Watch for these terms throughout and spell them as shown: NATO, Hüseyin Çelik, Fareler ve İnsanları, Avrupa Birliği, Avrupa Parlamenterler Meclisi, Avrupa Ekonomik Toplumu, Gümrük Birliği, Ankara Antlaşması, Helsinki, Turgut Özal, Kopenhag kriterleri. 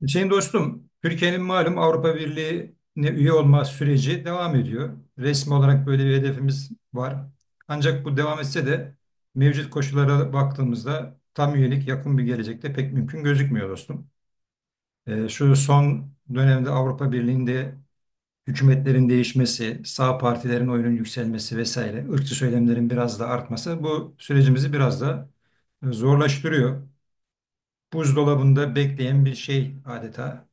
Hüseyin dostum, Türkiye'nin malum Avrupa Birliği'ne üye olma süreci devam ediyor. Resmi olarak böyle bir hedefimiz var. Ancak bu devam etse de mevcut koşullara baktığımızda tam üyelik yakın bir gelecekte pek mümkün gözükmüyor dostum. Şu son dönemde Avrupa Birliği'nde hükümetlerin değişmesi, sağ partilerin oyunun yükselmesi vesaire, ırkçı söylemlerin biraz da artması bu sürecimizi biraz da zorlaştırıyor. Buzdolabında bekleyen bir şey adeta.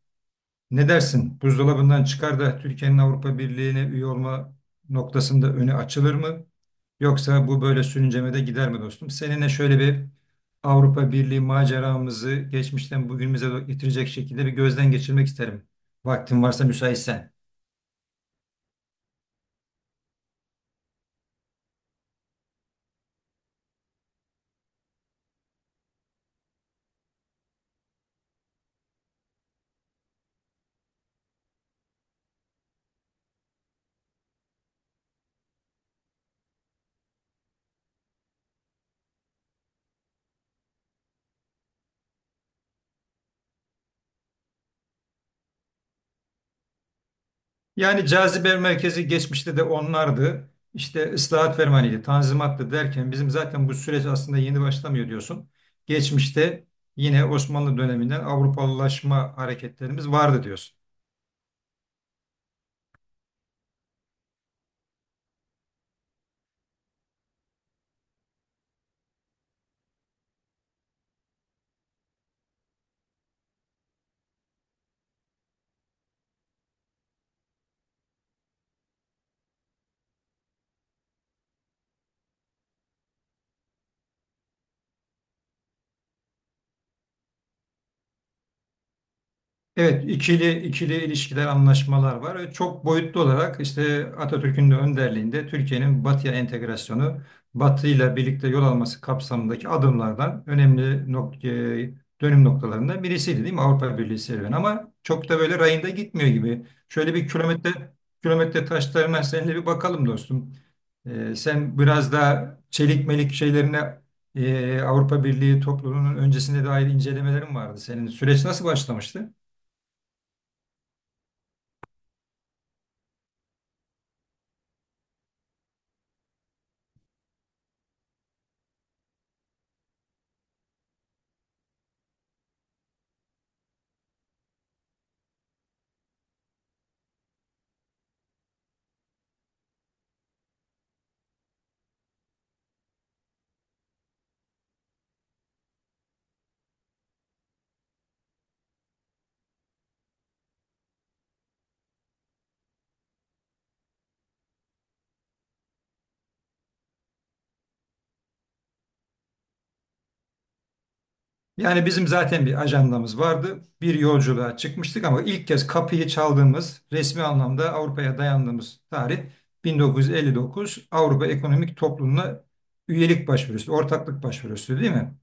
Ne dersin? Buzdolabından çıkar da Türkiye'nin Avrupa Birliği'ne üye olma noktasında önü açılır mı? Yoksa bu böyle sürüncemede gider mi dostum? Seninle şöyle bir Avrupa Birliği maceramızı geçmişten bugünümüze getirecek şekilde bir gözden geçirmek isterim. Vaktin varsa müsaitsen. Yani cazibe merkezi geçmişte de onlardı. İşte ıslahat fermanıydı, tanzimattı derken bizim zaten bu süreç aslında yeni başlamıyor diyorsun. Geçmişte yine Osmanlı döneminden Avrupalılaşma hareketlerimiz vardı diyorsun. Evet, ikili ilişkiler, anlaşmalar var. Ve çok boyutlu olarak işte Atatürk'ün de önderliğinde Türkiye'nin Batı'ya entegrasyonu, Batı ile birlikte yol alması kapsamındaki adımlardan önemli dönüm noktalarından birisiydi değil mi Avrupa Birliği serüveni? Ama çok da böyle rayında gitmiyor gibi. Şöyle bir kilometre taşlarına seninle bir bakalım dostum. Sen biraz daha çelik melik şeylerine Avrupa Birliği topluluğunun öncesinde dair incelemelerin vardı. Senin süreç nasıl başlamıştı? Yani bizim zaten bir ajandamız vardı. Bir yolculuğa çıkmıştık ama ilk kez kapıyı çaldığımız resmi anlamda Avrupa'ya dayandığımız tarih 1959 Avrupa Ekonomik Toplumu'na üyelik başvurusu, ortaklık başvurusu değil mi?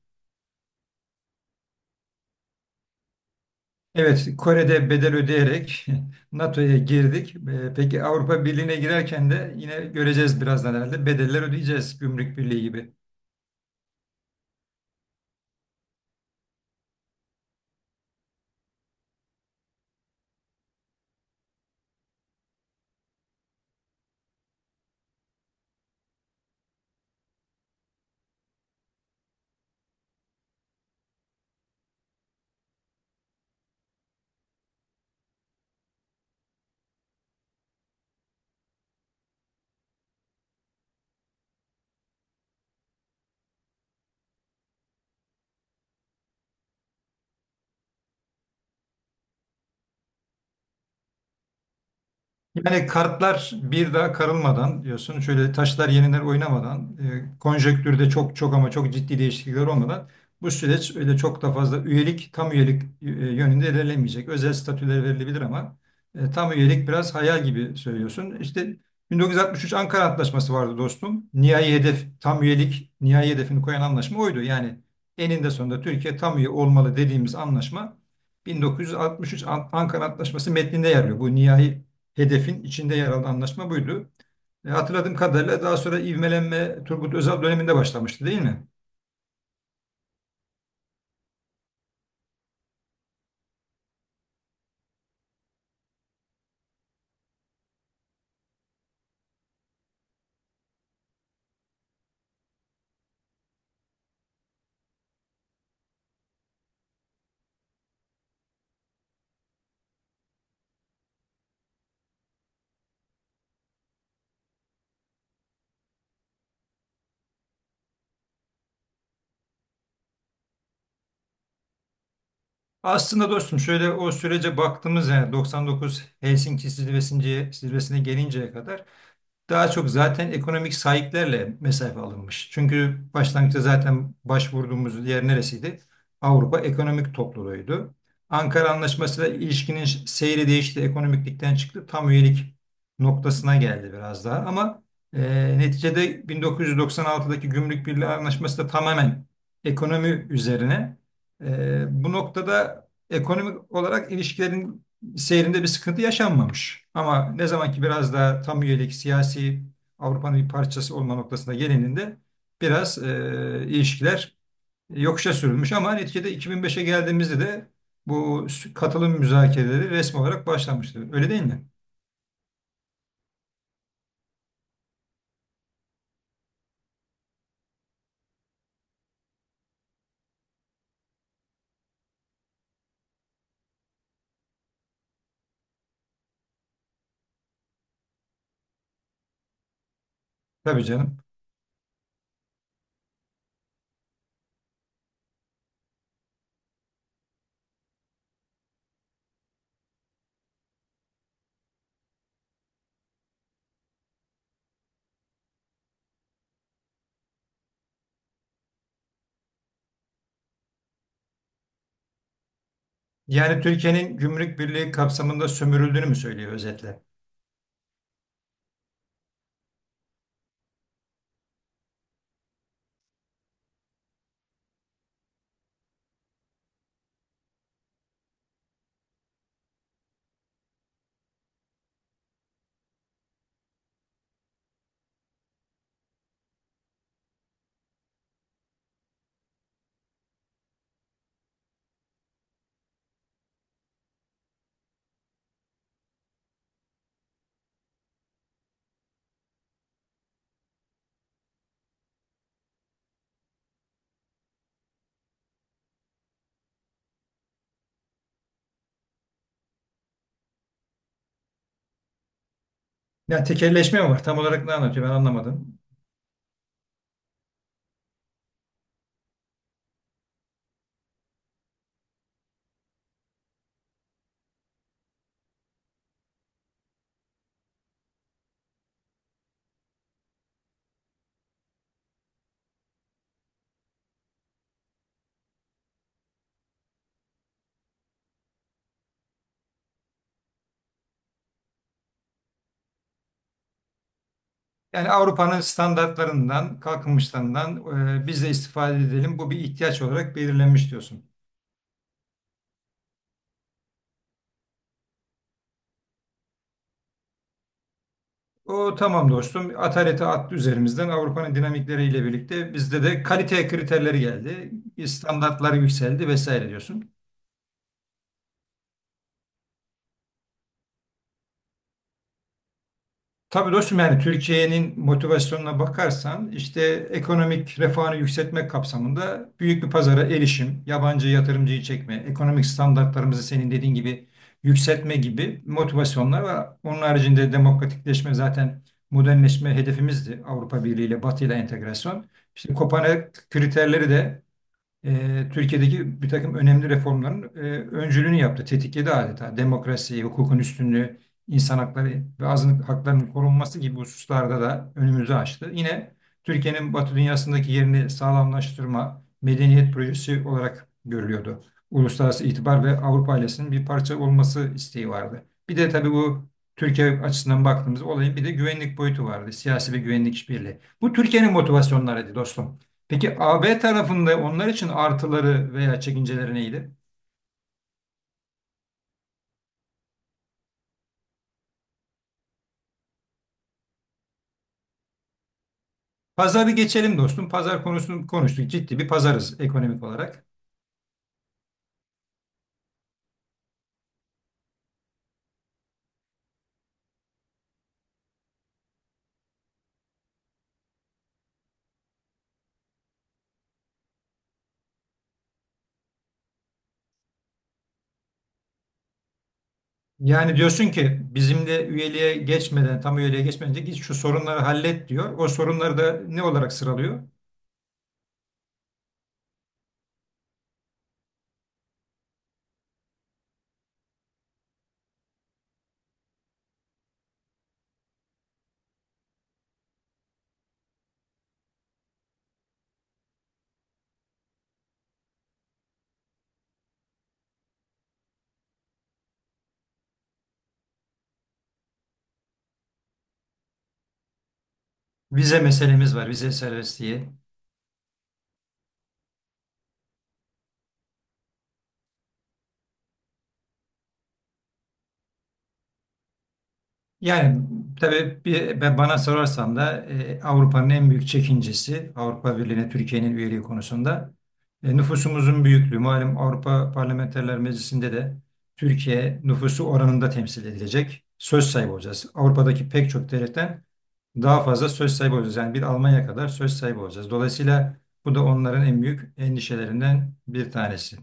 Evet, Kore'de bedel ödeyerek NATO'ya girdik. Peki Avrupa Birliği'ne girerken de yine göreceğiz birazdan herhalde bedeller ödeyeceğiz Gümrük Birliği gibi. Yani kartlar bir daha karılmadan diyorsun. Şöyle taşlar yeniler oynamadan, konjektürde çok çok ama çok ciddi değişiklikler olmadan bu süreç öyle çok da fazla üyelik, tam üyelik yönünde ilerlemeyecek. Özel statüler verilebilir ama tam üyelik biraz hayal gibi söylüyorsun. İşte 1963 Ankara Antlaşması vardı dostum. Nihai hedef tam üyelik, nihai hedefini koyan anlaşma oydu. Yani eninde sonunda Türkiye tam üye olmalı dediğimiz anlaşma 1963 Ankara Antlaşması metninde yer alıyor. Bu nihai hedefin içinde yer alan anlaşma buydu. Hatırladığım kadarıyla daha sonra ivmelenme Turgut Özal döneminde başlamıştı değil mi? Aslında dostum şöyle o sürece baktığımız yani 99 Helsinki zirvesine, gelinceye kadar daha çok zaten ekonomik sahiplerle mesafe alınmış. Çünkü başlangıçta zaten başvurduğumuz yer neresiydi? Avrupa Ekonomik Topluluğu'ydu. Ankara Anlaşması'yla ilişkinin seyri değişti, ekonomiklikten çıktı, tam üyelik noktasına geldi biraz daha. Ama e, neticede 1996'daki Gümrük Birliği Anlaşması da tamamen ekonomi üzerine. Bu noktada ekonomik olarak ilişkilerin seyrinde bir sıkıntı yaşanmamış. Ama ne zaman ki biraz daha tam üyelik siyasi Avrupa'nın bir parçası olma noktasına gelininde biraz ilişkiler yokuşa sürülmüş. Ama neticede 2005'e geldiğimizde de bu katılım müzakereleri resmi olarak başlamıştı. Öyle değil mi? Tabii canım. Yani Türkiye'nin gümrük birliği kapsamında sömürüldüğünü mü söylüyor özetle? Yani tekelleşme mi var? Tam olarak ne anlatıyor ben anlamadım. Yani Avrupa'nın standartlarından, kalkınmışlarından biz de istifade edelim. Bu bir ihtiyaç olarak belirlenmiş diyorsun. O tamam dostum. Ataleti attı üzerimizden. Avrupa'nın dinamikleriyle birlikte bizde de kalite kriterleri geldi. Standartlar yükseldi vesaire diyorsun. Tabii dostum yani Türkiye'nin motivasyonuna bakarsan işte ekonomik refahını yükseltmek kapsamında büyük bir pazara erişim, yabancı yatırımcıyı çekme, ekonomik standartlarımızı senin dediğin gibi yükseltme gibi motivasyonlar var. Onun haricinde demokratikleşme zaten modernleşme hedefimizdi Avrupa Birliği ile Batı ile entegrasyon. İşte Kopenhag kriterleri de Türkiye'deki bir takım önemli reformların öncülüğünü yaptı, tetikledi adeta. Demokrasi, hukukun üstünlüğü, insan hakları ve azınlık haklarının korunması gibi hususlarda da önümüzü açtı. Yine Türkiye'nin Batı dünyasındaki yerini sağlamlaştırma, medeniyet projesi olarak görülüyordu. Uluslararası itibar ve Avrupa ailesinin bir parça olması isteği vardı. Bir de tabii bu Türkiye açısından baktığımız olayın bir de güvenlik boyutu vardı. Siyasi ve güvenlik işbirliği. Bu Türkiye'nin motivasyonlarıydı dostum. Peki A B tarafında onlar için artıları veya çekinceleri neydi? Pazarı geçelim dostum. Pazar konusunu konuştuk. Ciddi bir pazarız ekonomik olarak. Yani diyorsun ki bizim de üyeliğe geçmeden, tam üyeliğe geçmeden önce git şu sorunları hallet diyor. O sorunları da ne olarak sıralıyor? Vize meselemiz var, vize serbestliği. Yani tabii bir, ben bana sorarsan da Avrupa'nın en büyük çekincesi Avrupa Birliği'ne Türkiye'nin üyeliği konusunda nüfusumuzun büyüklüğü. Malum Avrupa Parlamenterler Meclisi'nde de Türkiye nüfusu oranında temsil edilecek. Söz sahibi olacağız. Avrupa'daki pek çok devletten daha fazla söz sahibi olacağız. Yani bir Almanya kadar söz sahibi olacağız. Dolayısıyla bu da onların en büyük endişelerinden bir tanesi.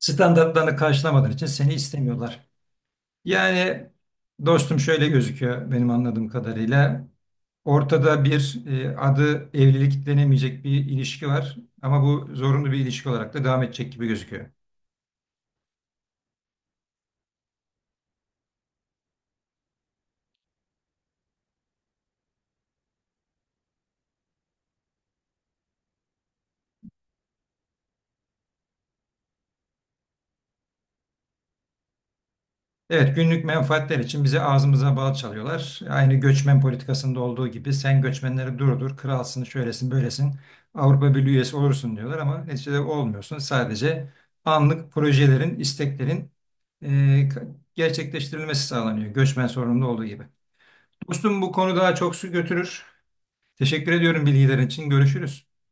Standartlarını karşılamadığın için seni istemiyorlar. Yani dostum şöyle gözüküyor benim anladığım kadarıyla. Ortada bir adı evlilik denemeyecek bir ilişki var ama bu zorunlu bir ilişki olarak da devam edecek gibi gözüküyor. Evet günlük menfaatler için bize ağzımıza bal çalıyorlar. Aynı göçmen politikasında olduğu gibi sen göçmenleri durdur, kralsın, şöylesin, böylesin, Avrupa Birliği üyesi olursun diyorlar ama neticede olmuyorsun. Sadece anlık projelerin, isteklerin e, gerçekleştirilmesi sağlanıyor göçmen sorununda olduğu gibi. Dostum bu konu daha çok su götürür. Teşekkür ediyorum bilgilerin için. Görüşürüz.